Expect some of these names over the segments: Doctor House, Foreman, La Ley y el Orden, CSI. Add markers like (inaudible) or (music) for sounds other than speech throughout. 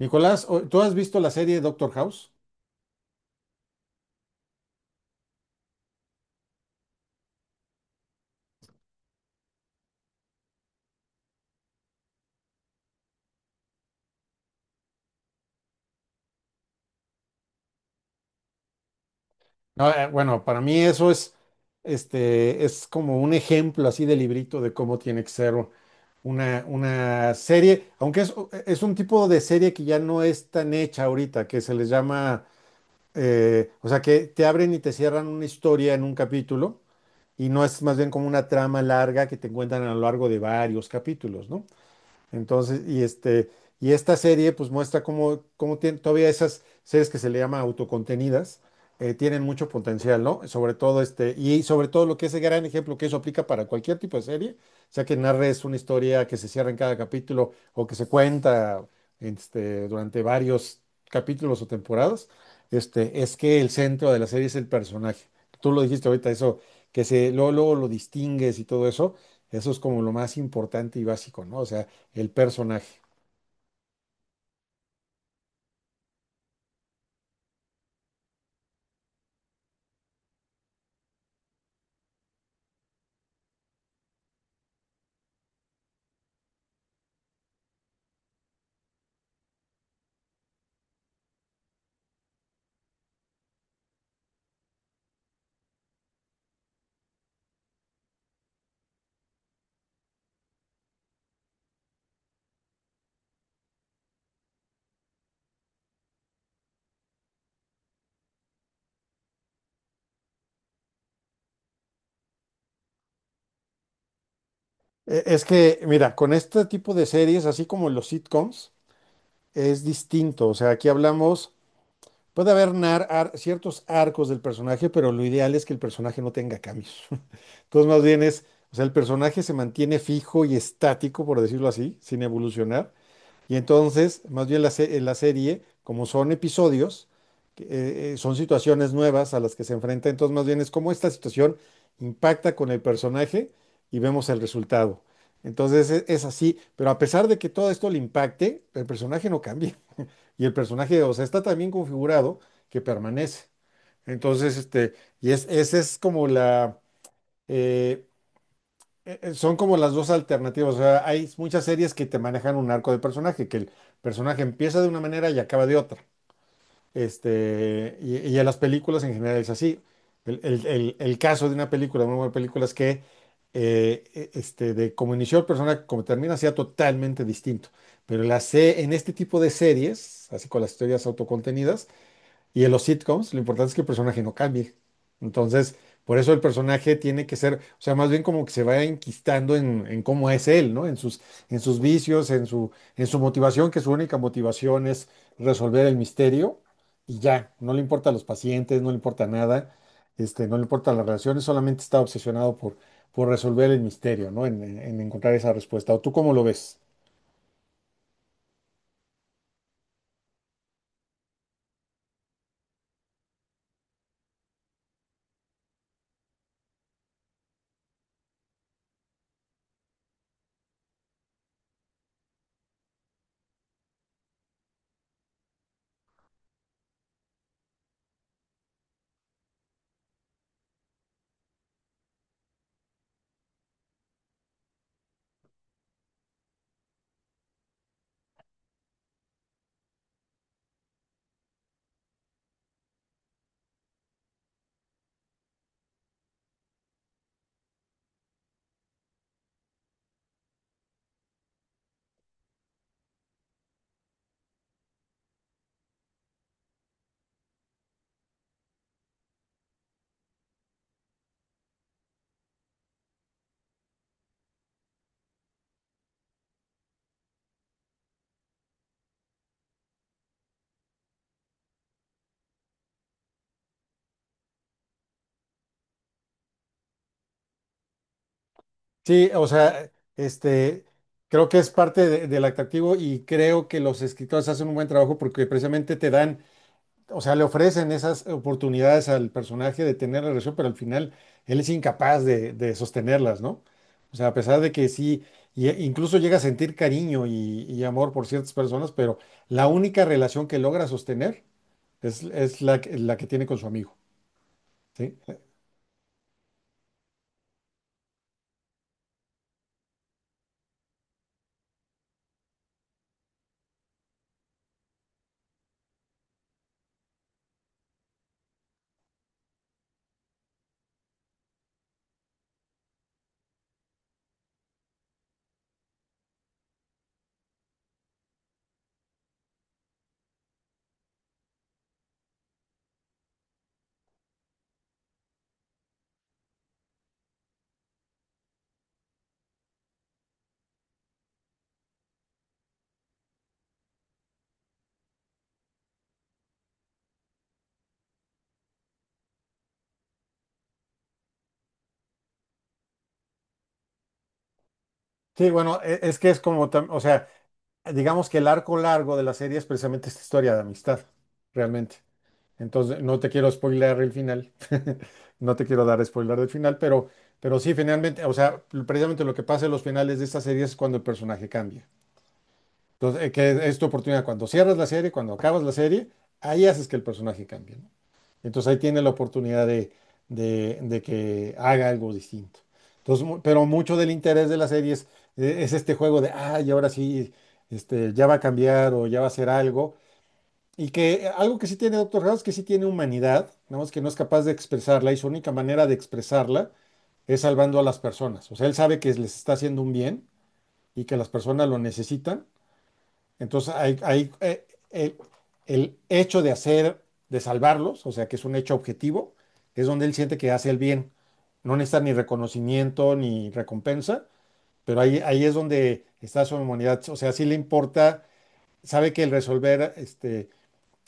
Nicolás, ¿tú has visto la serie Doctor House? No, bueno, para mí eso es, es como un ejemplo así de librito de cómo tiene que ser una serie, aunque es un tipo de serie que ya no es tan hecha ahorita, que se les llama, o sea, que te abren y te cierran una historia en un capítulo y no es más bien como una trama larga que te encuentran a lo largo de varios capítulos, ¿no? Entonces, y esta serie pues muestra cómo tienen todavía esas series que se le llama autocontenidas, tienen mucho potencial, ¿no? Sobre todo este, y sobre todo lo que es el gran ejemplo que eso aplica para cualquier tipo de serie, o sea que narres una historia que se cierra en cada capítulo o que se cuenta durante varios capítulos o temporadas, este, es que el centro de la serie es el personaje. Tú lo dijiste ahorita, eso, luego, luego lo distingues y todo eso, eso es como lo más importante y básico, ¿no? O sea, el personaje. Es que, mira, con este tipo de series, así como los sitcoms, es distinto. O sea, aquí hablamos, puede haber ciertos arcos del personaje, pero lo ideal es que el personaje no tenga cambios. (laughs) Entonces, más bien es, o sea, el personaje se mantiene fijo y estático, por decirlo así, sin evolucionar. Y entonces, más bien la serie, como son episodios, son situaciones nuevas a las que se enfrenta, entonces más bien es cómo esta situación impacta con el personaje y vemos el resultado. Entonces así, pero a pesar de que todo esto le impacte, el personaje no cambia. Y el personaje, o sea, está tan bien configurado que permanece. Entonces, este, y es, esa es como la, eh, son como las dos alternativas. O sea, hay muchas series que te manejan un arco de personaje, que el personaje empieza de una manera y acaba de otra. Este, y en las películas en general es así. El caso de una película, una buena película es que de cómo inició el personaje, como termina, sea totalmente distinto. Pero en este tipo de series, así con las historias autocontenidas, y en los sitcoms, lo importante es que el personaje no cambie. Entonces, por eso el personaje tiene que ser, o sea, más bien como que se vaya enquistando en cómo es él, ¿no? En sus vicios, en su motivación, que su única motivación es resolver el misterio y ya, no le importa a los pacientes, no le importa nada, este, no le importa las relaciones, solamente está obsesionado por resolver el misterio, ¿no? En encontrar esa respuesta. ¿O tú cómo lo ves? Sí, o sea, este, creo que es parte del atractivo y creo que los escritores hacen un buen trabajo porque precisamente te dan, o sea, le ofrecen esas oportunidades al personaje de tener relación, pero al final él es incapaz de sostenerlas, ¿no? O sea, a pesar de que sí, incluso llega a sentir cariño y amor por ciertas personas, pero la única relación que logra sostener es la, la que tiene con su amigo, ¿sí? Sí, bueno, es que es como, o sea, digamos que el arco largo de la serie es precisamente esta historia de amistad, realmente. Entonces, no te quiero spoiler el final, (laughs) no te quiero dar spoiler del final, pero sí, finalmente, o sea, precisamente lo que pasa en los finales de esta serie es cuando el personaje cambia. Entonces, que es tu oportunidad. Cuando cierras la serie, cuando acabas la serie, ahí haces que el personaje cambie, ¿no? Entonces ahí tiene la oportunidad de que haga algo distinto. Entonces, pero mucho del interés de la serie es este juego de, ay, ahora sí, este, ya va a cambiar o ya va a hacer algo. Y que algo que sí tiene Doctor House, que sí tiene humanidad, nada más que no es capaz de expresarla y su única manera de expresarla es salvando a las personas. O sea, él sabe que les está haciendo un bien y que las personas lo necesitan, entonces, el, el hecho de hacer, de salvarlos, o sea, que es un hecho objetivo, es donde él siente que hace el bien. No necesita ni reconocimiento ni recompensa, pero ahí es donde está su humanidad. O sea, sí le importa, sabe que el resolver este,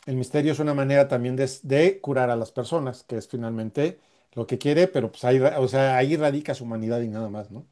el misterio es una manera también de curar a las personas, que es finalmente lo que quiere, pero pues ahí, o sea, ahí radica su humanidad y nada más, ¿no?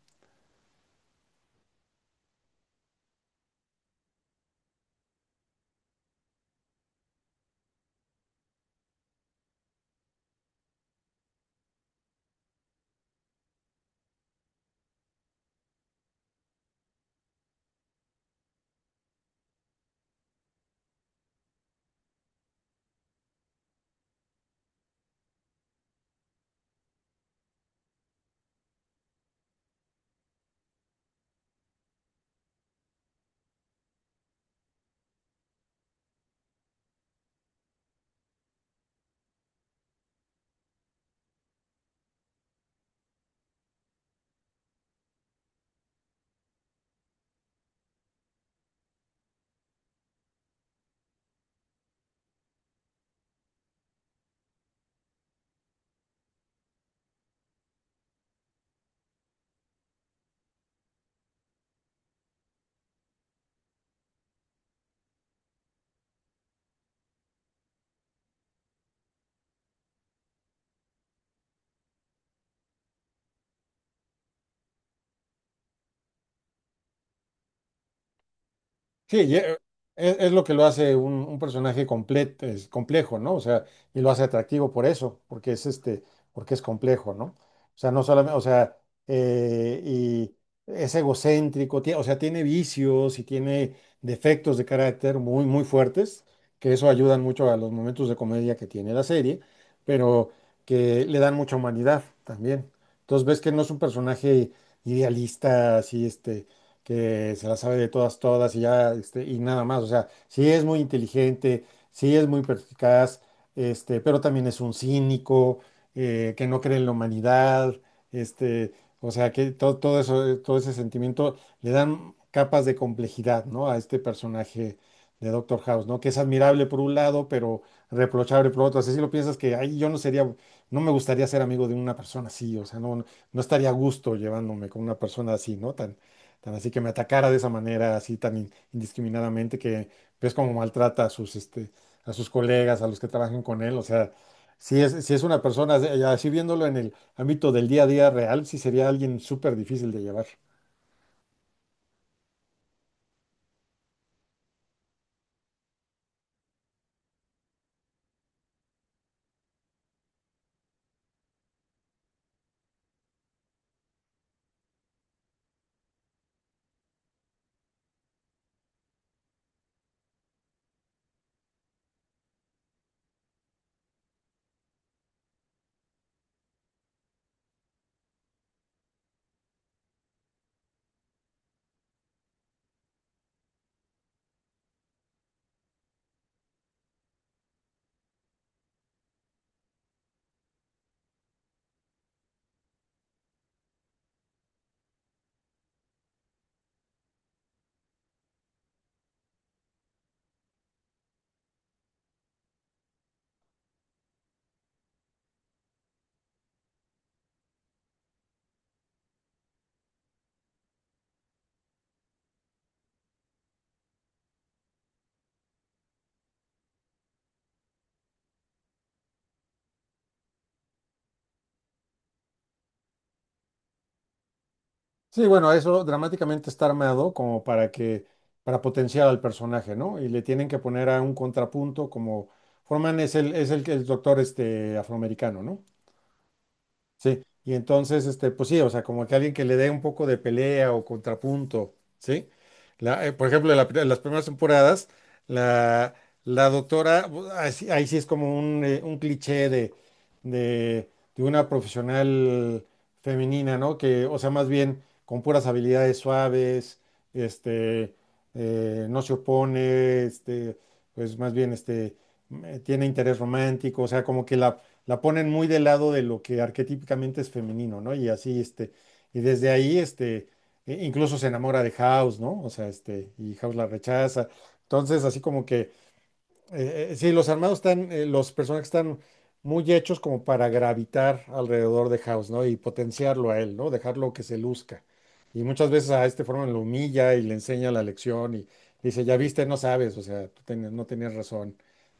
Sí, es lo que lo hace un personaje completo, es complejo, ¿no? O sea, y lo hace atractivo por eso, porque es este, porque es complejo, ¿no? O sea, no solamente, o sea, y es egocéntrico, o sea, tiene vicios y tiene defectos de carácter muy fuertes, que eso ayudan mucho a los momentos de comedia que tiene la serie, pero que le dan mucha humanidad también. Entonces ves que no es un personaje idealista, así, este, que se la sabe de todas, todas y ya, este, y nada más. O sea, sí es muy inteligente, sí es muy perspicaz, este, pero también es un cínico, que no cree en la humanidad, este, o sea, que todo, todo eso, todo ese sentimiento le dan capas de complejidad, ¿no? A este personaje de Doctor House, ¿no? Que es admirable por un lado, pero reprochable por otro. Así si lo piensas que, ay, yo no sería, no me gustaría ser amigo de una persona así, o sea, no, no estaría a gusto llevándome con una persona así, ¿no? Tan, tan así que me atacara de esa manera, así tan indiscriminadamente, que ves cómo maltrata a sus, este, a sus colegas, a los que trabajan con él. O sea, si es una persona, así viéndolo en el ámbito del día a día real, sí sería alguien súper difícil de llevar. Sí, bueno, eso dramáticamente está armado como para que, para potenciar al personaje, ¿no? Y le tienen que poner a un contrapunto como Forman es el doctor este, afroamericano, ¿no? Sí, y entonces, este, pues sí, o sea, como que alguien que le dé un poco de pelea o contrapunto, ¿sí? La, por ejemplo, en en las primeras temporadas, la, la doctora, ahí sí es como un cliché de, de, de una profesional femenina, ¿no? Que, o sea, más bien con puras habilidades suaves, este, no se opone, este, pues más bien, este, tiene interés romántico, o sea, como que la ponen muy del lado de lo que arquetípicamente es femenino, ¿no? Y así, este, y desde ahí, este, incluso se enamora de House, ¿no? O sea, este, y House la rechaza. Entonces, así como que sí, los armados están, los personajes están muy hechos como para gravitar alrededor de House, ¿no? Y potenciarlo a él, ¿no? Dejarlo que se luzca. Y muchas veces a este Foreman lo humilla y le enseña la lección y dice, ya viste, no sabes, o sea, no tenías razón.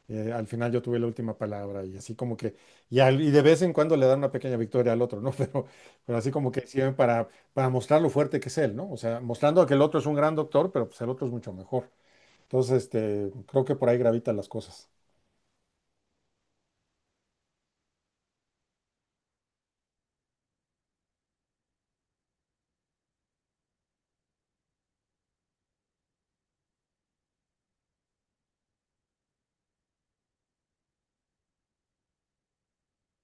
Al final yo tuve la última palabra y así como que, y de vez en cuando le dan una pequeña victoria al otro, ¿no? (laughs) Pero así como que sirve para mostrar lo fuerte que es él, ¿no? O sea, mostrando que el otro es un gran doctor, pero pues el otro es mucho mejor. Entonces, este, creo que por ahí gravitan las cosas.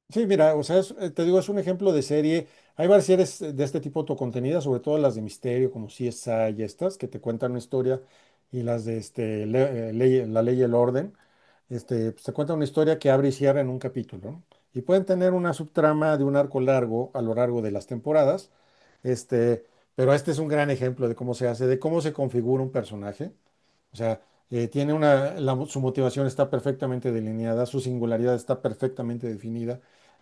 Sí, mira, o sea, te digo, es un ejemplo de serie. Hay varias series de este tipo autocontenidas, sobre todo las de misterio, como CSI y estas, que te cuentan una historia, y las de este, La Ley y el Orden, este, pues, te cuentan una historia que abre y cierra en un capítulo, ¿no? Y pueden tener una subtrama de un arco largo a lo largo de las temporadas, este, pero este es un gran ejemplo de cómo se hace, de cómo se configura un personaje. O sea, tiene una, su motivación está perfectamente delineada, su singularidad está perfectamente definida.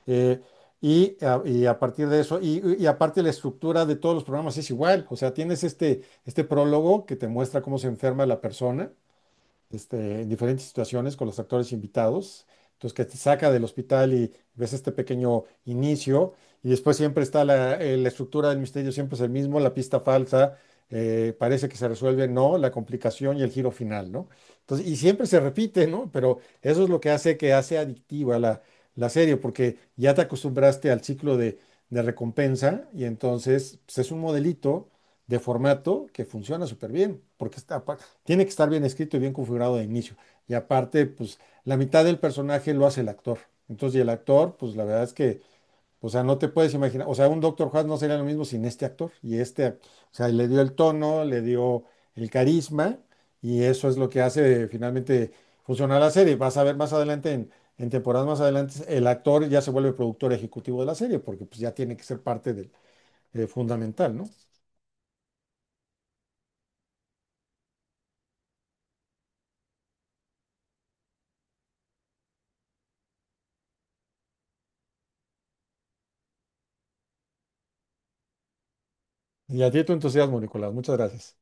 eh, y a partir de eso, y aparte la estructura de todos los programas es igual. O sea, tienes este prólogo que te muestra cómo se enferma la persona, este, en diferentes situaciones con los actores invitados. Entonces, que te saca del hospital y ves este pequeño inicio, y después siempre está la, la estructura del misterio, siempre es el mismo, la pista falsa, parece que se resuelve, no, la complicación y el giro final, ¿no? Entonces, y siempre se repite, ¿no? Pero eso es lo que hace adictiva la, la serie, porque ya te acostumbraste al ciclo de recompensa, y entonces pues, es un modelito de formato que funciona súper bien, porque está, tiene que estar bien escrito y bien configurado de inicio. Y aparte, pues la mitad del personaje lo hace el actor. Entonces, y el actor, pues la verdad es que, o sea, no te puedes imaginar, o sea, un Doctor House no sería lo mismo sin este actor. Y este, o sea, le dio el tono, le dio el carisma, y eso es lo que hace finalmente funcionar la serie. Vas a ver más adelante, en temporadas más adelante, el actor ya se vuelve productor ejecutivo de la serie, porque pues ya tiene que ser parte del, fundamental, ¿no? Y a ti tu entusiasmo, Nicolás. Muchas gracias.